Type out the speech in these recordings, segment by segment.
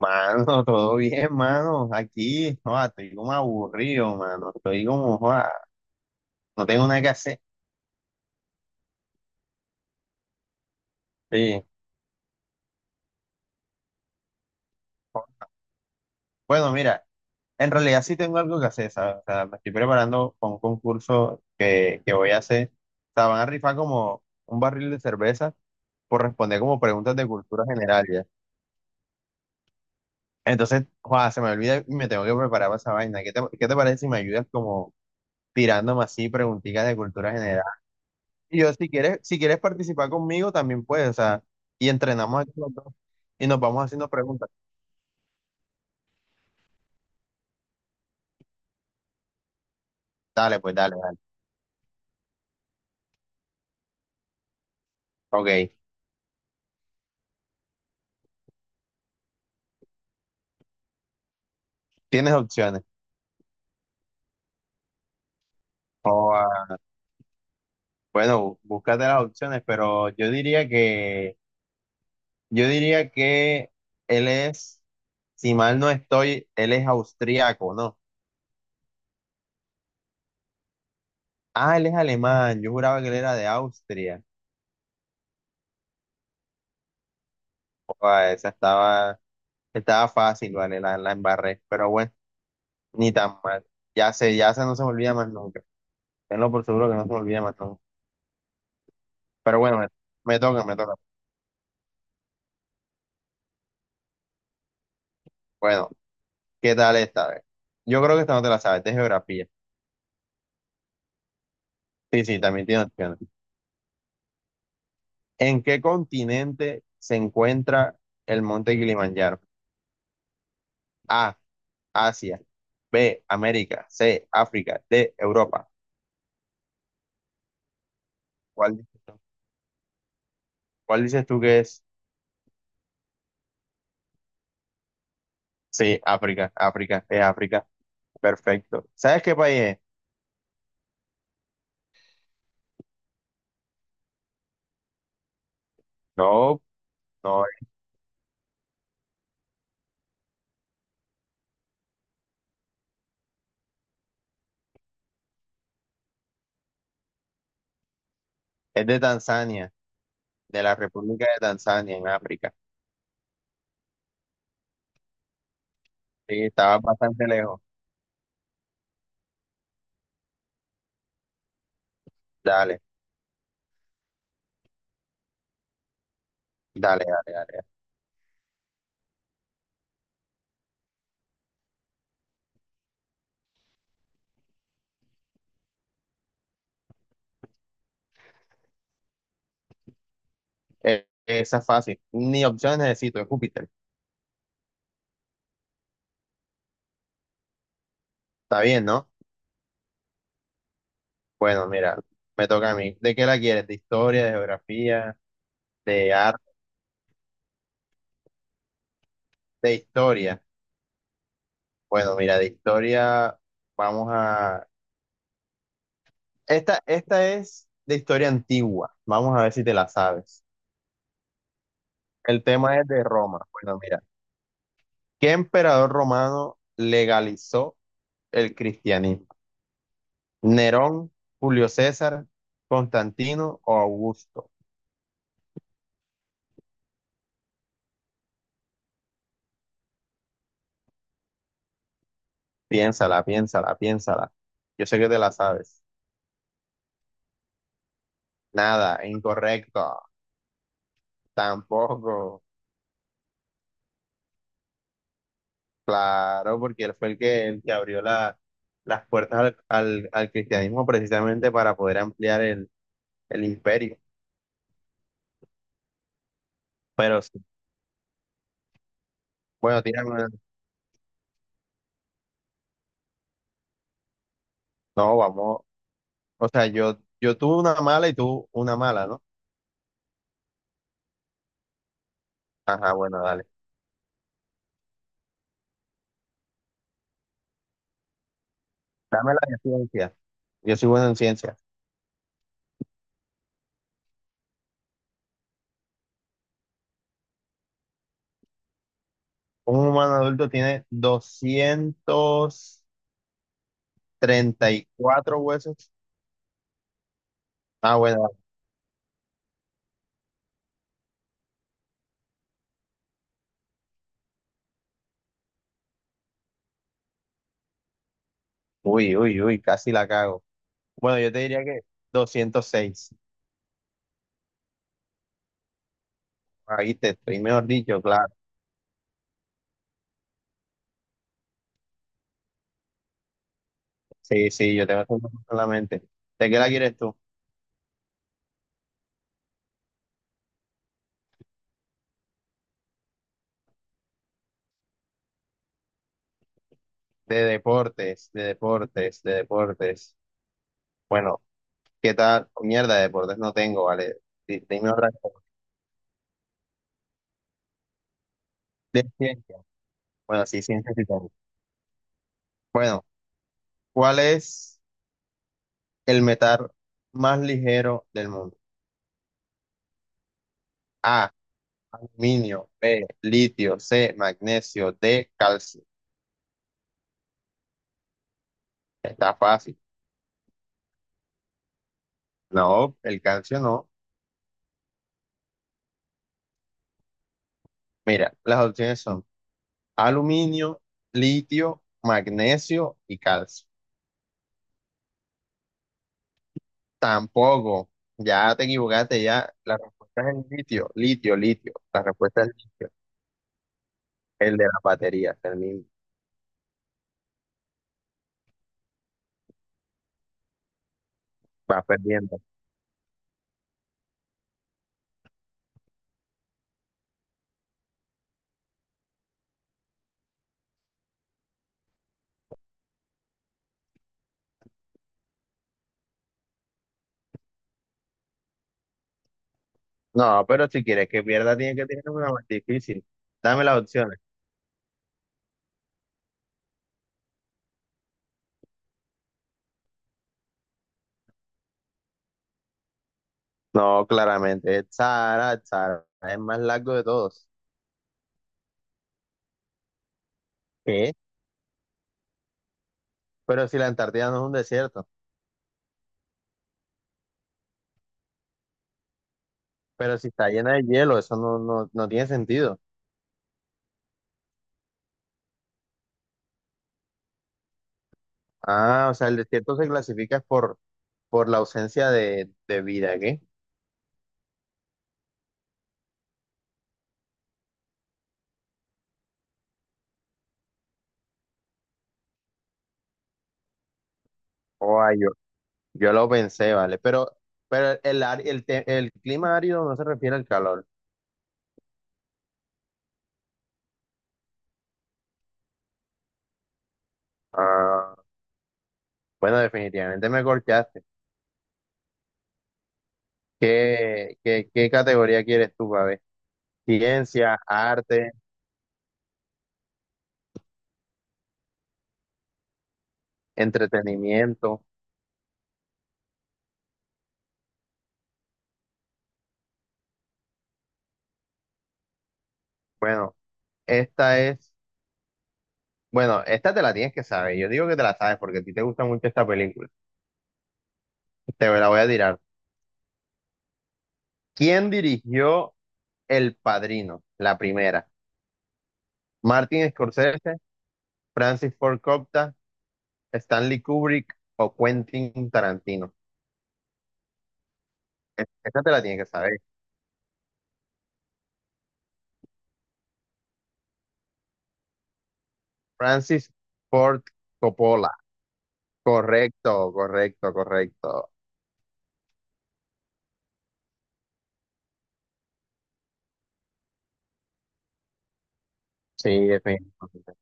Mano, todo bien, mano. Aquí, joda, estoy como aburrido, mano. Estoy como, joda, no tengo nada que hacer. Sí. Bueno, mira, en realidad sí tengo algo que hacer, ¿sabes? O sea, me estoy preparando para un concurso que voy a hacer. O sea, van a rifar como un barril de cerveza por responder como preguntas de cultura general, ya. Entonces, joda, se me olvida y me tengo que preparar para esa vaina. ¿Qué te parece si me ayudas como tirándome así preguntitas de cultura general? Y yo, si quieres participar conmigo, también puedes, o sea, y entrenamos aquí los dos y nos vamos haciendo preguntas. Dale, pues dale, dale. Ok, tienes opciones. O, ah, bueno, búscate las opciones, pero yo diría que él es, si mal no estoy, él es austríaco, ¿no? Ah, él es alemán, yo juraba que él era de Austria. Joda, estaba fácil, vale, la embarré, pero bueno, ni tan mal. Ya se no se me olvida más nunca. Tenlo por seguro que no se lo olvida, matón. Pero bueno, me toca, me toca. Bueno, ¿qué tal esta vez? Yo creo que esta no te la sabes, es de geografía. Sí, sí, también tiene opciones. ¿En qué continente se encuentra el monte Kilimanjaro? A, Asia. B, América. C, África. D, Europa. ¿Cuál dices tú? ¿Cuál dices tú que es? Sí, África, África, es África. Perfecto. ¿Sabes qué país es? No, no, es de Tanzania, de la República de Tanzania, en África. Sí, estaba bastante lejos. Dale, dale, dale, dale, dale. Esa es fácil. Ni opciones necesito, es Júpiter. Está bien, ¿no? Bueno, mira, me toca a mí. ¿De qué la quieres? ¿De historia, de geografía, de arte, de historia? Bueno, mira, de historia vamos a... Esta es de historia antigua. Vamos a ver si te la sabes. El tema es de Roma. Bueno, mira, ¿qué emperador romano legalizó el cristianismo? ¿Nerón, Julio César, Constantino o Augusto? Piénsala, piénsala, piénsala. Yo sé que te la sabes. Nada, incorrecto. Tampoco. Claro, porque él fue el que abrió la- las puertas al cristianismo precisamente para poder ampliar el imperio. Pero sí. Bueno, tírame una. No, vamos. O sea, yo tuve una mala y tú una mala, ¿no? Ajá, bueno, dale. Dame la de ciencia. Yo soy bueno en ciencia. Un humano adulto tiene doscientos treinta y cuatro huesos. Ah, bueno, uy, uy, uy, casi la cago. Bueno, yo te diría que 206. Ahí te estoy, mejor dicho, claro. Sí, sí, yo tengo eso en la mente. ¿De qué la quieres tú? De deportes, de deportes, de deportes. Bueno, ¿qué tal? Oh, mierda, de deportes no tengo, ¿vale? Di- Dime otra cosa. De ciencia. Bueno, sí, ciencia sí tengo. Bueno, ¿cuál es el metal más ligero del mundo? A, aluminio, B, litio, C, magnesio, D, calcio. Está fácil. No, el calcio no. Mira, las opciones son aluminio, litio, magnesio y calcio. Tampoco. Ya te equivocaste, ya. La respuesta es el litio, litio, litio. La respuesta es litio. El de las baterías, el mismo. Vas perdiendo. No, pero si quieres que pierda, tienes que tener una más difícil. Dame las opciones. No, claramente. El Sahara es el más largo de todos. ¿Qué? Pero si la Antártida no es un desierto. Pero si está llena de hielo, eso no, no, no tiene sentido. Ah, o sea, el desierto se clasifica por la ausencia de vida, ¿qué? Oh, ah, yo lo pensé, vale. Pero el, ar- el, te- el clima árido no se refiere al calor. Ah, bueno, definitivamente me corchaste. ¿Qué, qué, qué categoría quieres tú, Babe? Ciencia, arte, entretenimiento. Bueno, esta es. Bueno, esta te la tienes que saber. Yo digo que te la sabes porque a ti te gusta mucho esta película. Te la voy a tirar. ¿Quién dirigió El Padrino? La primera. Martin Scorsese, Francis Ford Coppola, Stanley Kubrick o Quentin Tarantino. Es- Esta te la tienes que saber. Francis Ford Coppola. Correcto, correcto, correcto. Sí, definitivamente.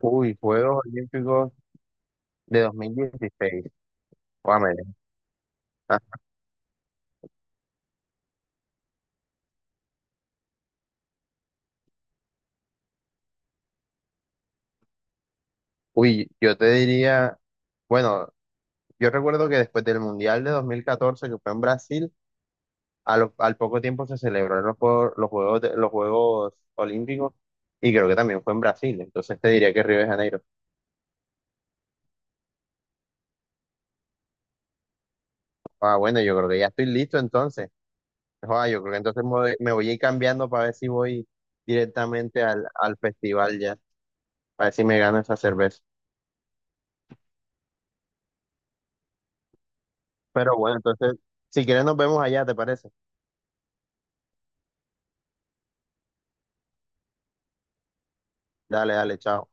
Uy, Juegos Olímpicos de 2016. Guámele. Ah, uy, yo te diría, bueno, yo recuerdo que después del Mundial de 2014 que fue en Brasil, a lo- al poco tiempo se celebraron los Juegos Olímpicos y creo que también fue en Brasil. Entonces te diría que Río de Janeiro. Ah, bueno, yo creo que ya estoy listo entonces. Ah, yo creo que entonces me voy a ir cambiando para ver si voy directamente al festival ya, para ver si me gano esa cerveza. Pero bueno, entonces, si quieres nos vemos allá, ¿te parece? Dale, dale, chao.